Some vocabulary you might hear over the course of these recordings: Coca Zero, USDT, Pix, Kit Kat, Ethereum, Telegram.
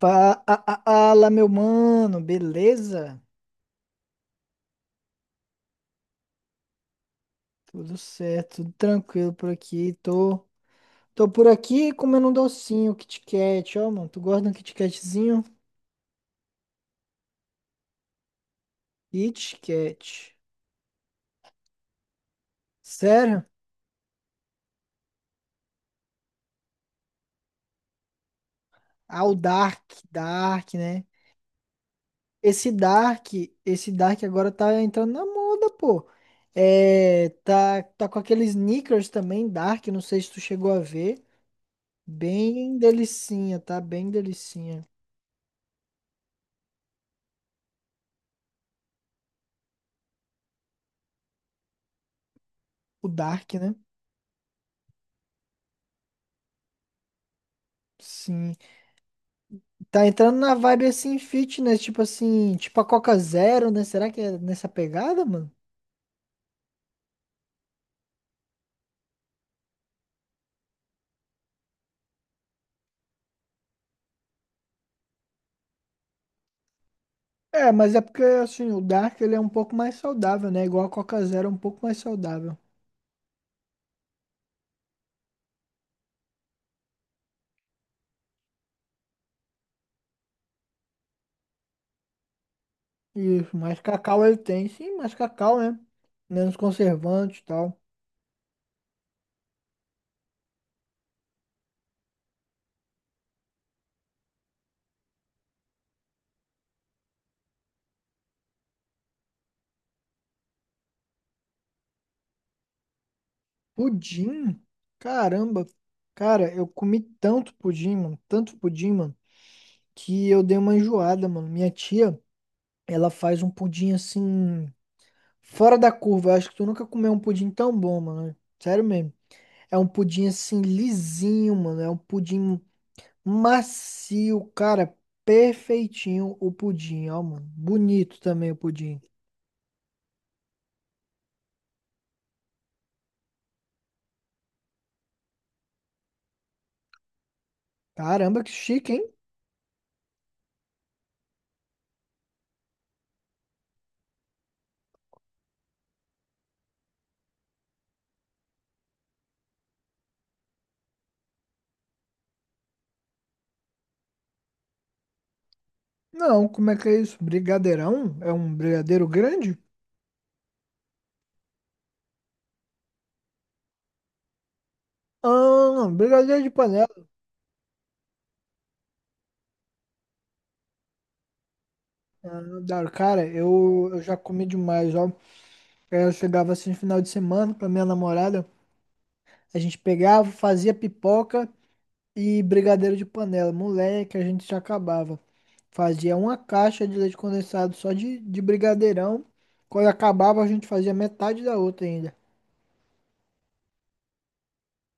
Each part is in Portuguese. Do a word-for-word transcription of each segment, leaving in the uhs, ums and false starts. Fala, meu mano, beleza? Tudo certo, tudo tranquilo por aqui. Tô, tô por aqui comendo um docinho, um Kit Kat. Ó, mano, tu gosta de um Kit Katzinho? Kit Kat. Sério? Ah, o Dark, Dark, né? Esse Dark, esse Dark agora tá entrando na moda, pô. É, tá, tá com aqueles sneakers também, Dark, não sei se tu chegou a ver. Bem delicinha, tá? Bem delicinha. O Dark, né? Sim. Tá entrando na vibe assim, fitness, tipo assim, tipo a Coca Zero, né? Será que é nessa pegada, mano? É, mas é porque assim, o Dark ele é um pouco mais saudável, né? Igual a Coca Zero, é um pouco mais saudável. Isso, mais cacau ele tem, sim, mais cacau, né? Menos conservante e tal. Pudim? Caramba. Cara, eu comi tanto pudim, mano, tanto pudim, mano, que eu dei uma enjoada, mano. Minha tia, ela faz um pudim assim, fora da curva. Eu acho que tu nunca comeu um pudim tão bom, mano. Sério mesmo. É um pudim assim lisinho, mano. É um pudim macio, cara. Perfeitinho o pudim, ó, mano. Bonito também o pudim. Caramba, que chique, hein? Não, como é que é isso? Brigadeirão? É um brigadeiro grande? Ah, brigadeiro de panela. Não dá. Cara, eu, eu já comi demais, ó. Eu chegava assim no final de semana com a minha namorada. A gente pegava, fazia pipoca e brigadeiro de panela. Moleque, a gente já acabava. Fazia uma caixa de leite condensado só de, de brigadeirão. Quando acabava, a gente fazia metade da outra ainda.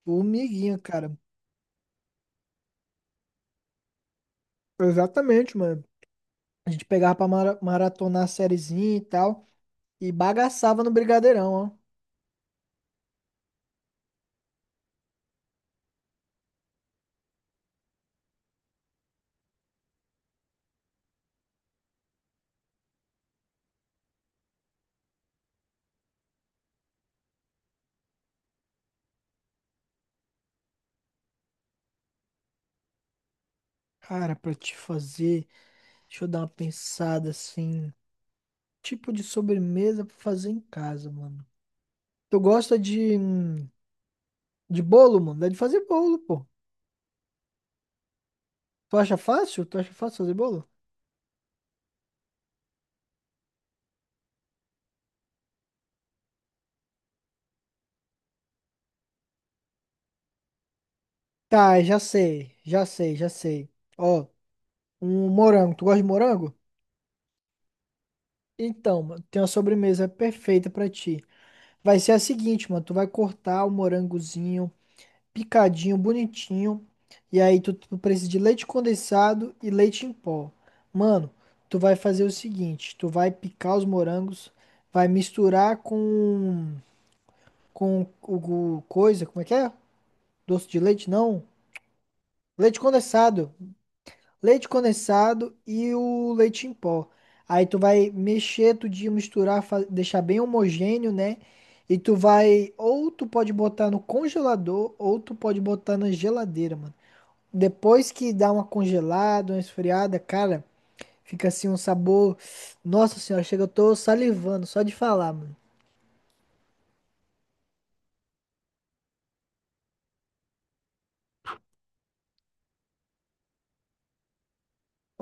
Formiguinha, cara. Exatamente, mano. A gente pegava pra mara- maratonar a sériezinha e tal. E bagaçava no brigadeirão, ó. Cara, pra te fazer, deixa eu dar uma pensada assim. Tipo de sobremesa pra fazer em casa, mano. Tu gosta de, de bolo, mano? Dá de fazer bolo, pô. Tu acha fácil? Tu acha fácil fazer bolo? Tá, já sei, já sei, já sei. Ó, um morango. Tu gosta de morango? Então, mano, tem uma sobremesa perfeita pra ti. Vai ser a seguinte, mano. Tu vai cortar o morangozinho, picadinho, bonitinho. E aí tu, tu precisa de leite condensado e leite em pó. Mano, tu vai fazer o seguinte. Tu vai picar os morangos, vai misturar com, com o, o coisa, como é que é? Doce de leite? Não. Leite condensado. Leite condensado e o leite em pó. Aí tu vai mexer tudinho, misturar, fa- deixar bem homogêneo, né? E tu vai, ou tu pode botar no congelador, ou tu pode botar na geladeira, mano. Depois que dá uma congelada, uma esfriada, cara, fica assim um sabor. Nossa senhora, chega, eu tô salivando só de falar, mano.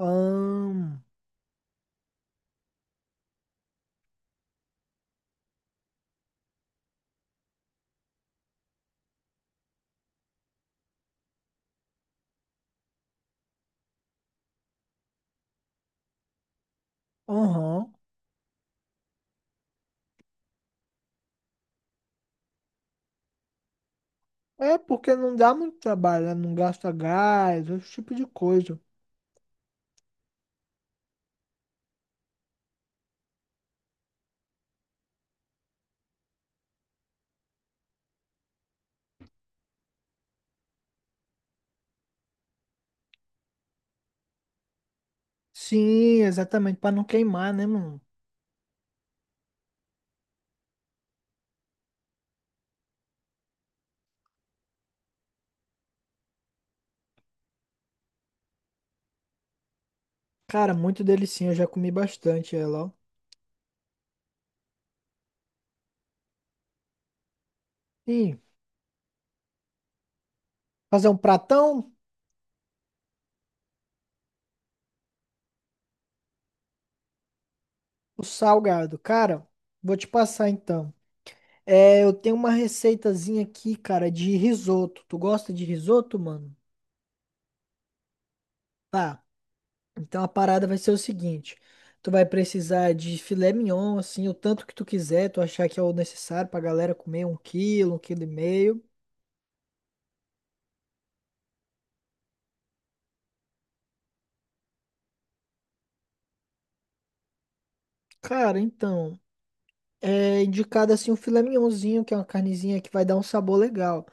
Ahn. Aham. É porque não dá muito trabalho, né? Não gasta gás, esse tipo de coisa. Sim, exatamente, para não queimar, né, mano? Cara, muito delicinha, eu já comi bastante ela, ó. Sim, fazer um pratão? O salgado. Cara, vou te passar então. É, eu tenho uma receitazinha aqui, cara, de risoto. Tu gosta de risoto, mano? Tá. Então a parada vai ser o seguinte. Tu vai precisar de filé mignon, assim, o tanto que tu quiser, tu achar que é o necessário pra galera comer um quilo, um quilo e meio. Cara, então, é indicado assim o filé mignonzinho, que é uma carnezinha que vai dar um sabor legal.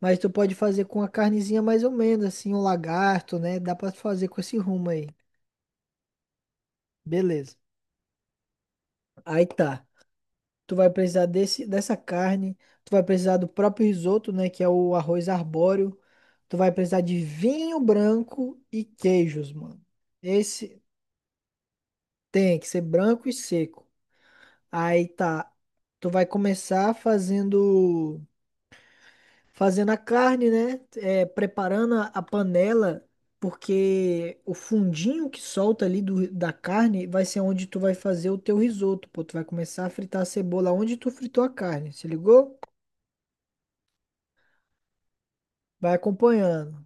Mas tu pode fazer com a carnezinha mais ou menos, assim, um lagarto, né? Dá pra fazer com esse rumo aí. Beleza. Aí tá. Tu vai precisar desse, dessa carne. Tu vai precisar do próprio risoto, né? Que é o arroz arbóreo. Tu vai precisar de vinho branco e queijos, mano. Esse tem que ser branco e seco. Aí tá. Tu vai começar fazendo. Fazendo a carne, né? É, preparando a a panela, porque o fundinho que solta ali do, da carne vai ser onde tu vai fazer o teu risoto, pô. Tu vai começar a fritar a cebola onde tu fritou a carne, se ligou? Vai acompanhando.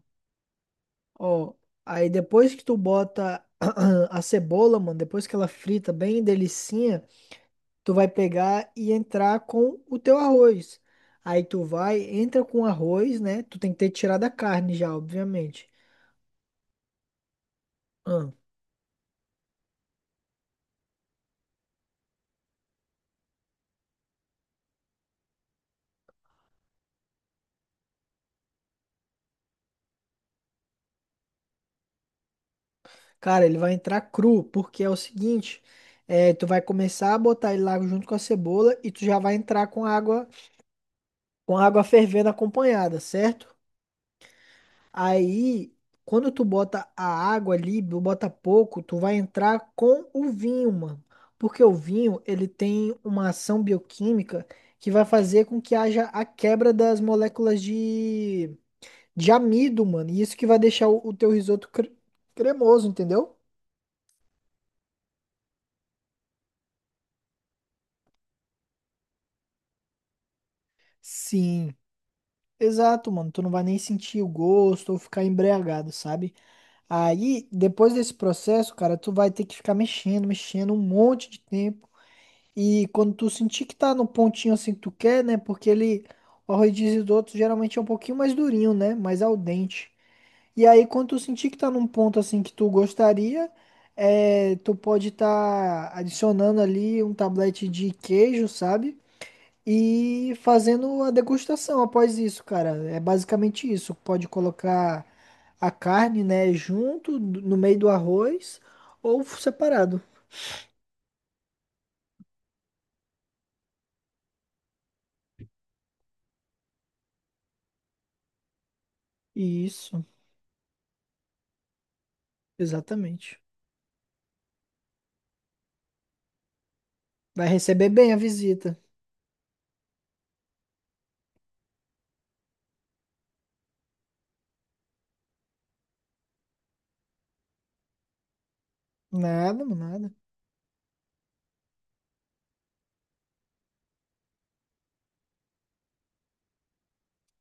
Ó, aí depois que tu bota a cebola, mano, depois que ela frita bem delicinha, tu vai pegar e entrar com o teu arroz. Aí tu vai, entra com o arroz, né? Tu tem que ter tirado a carne já, obviamente. Cara, ele vai entrar cru, porque é o seguinte, é, tu vai começar a botar ele lá junto com a cebola e tu já vai entrar com água, com água fervendo acompanhada, certo? Aí, quando tu bota a água ali, tu bota pouco, tu vai entrar com o vinho, mano. Porque o vinho, ele tem uma ação bioquímica que vai fazer com que haja a quebra das moléculas de, de amido, mano. E isso que vai deixar o, o teu risoto cre- cremoso, entendeu? Sim. Exato, mano. Tu não vai nem sentir o gosto ou ficar embriagado, sabe? Aí, depois desse processo, cara, tu vai ter que ficar mexendo, mexendo um monte de tempo. E quando tu sentir que tá no pontinho assim que tu quer, né? Porque ele, o arroz de risoto geralmente é um pouquinho mais durinho, né? Mais al dente. E aí, quando tu sentir que tá num ponto assim que tu gostaria, é, tu pode estar adicionando ali um tablete de queijo, sabe? E fazendo a degustação após isso, cara. É basicamente isso. Pode colocar a carne, né, junto do- no meio do arroz ou separado. Isso, exatamente. Vai receber bem a visita. Nada, mano, nada.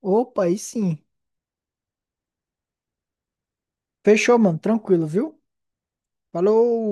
Opa, aí sim. Fechou, mano. Tranquilo, viu? Falou!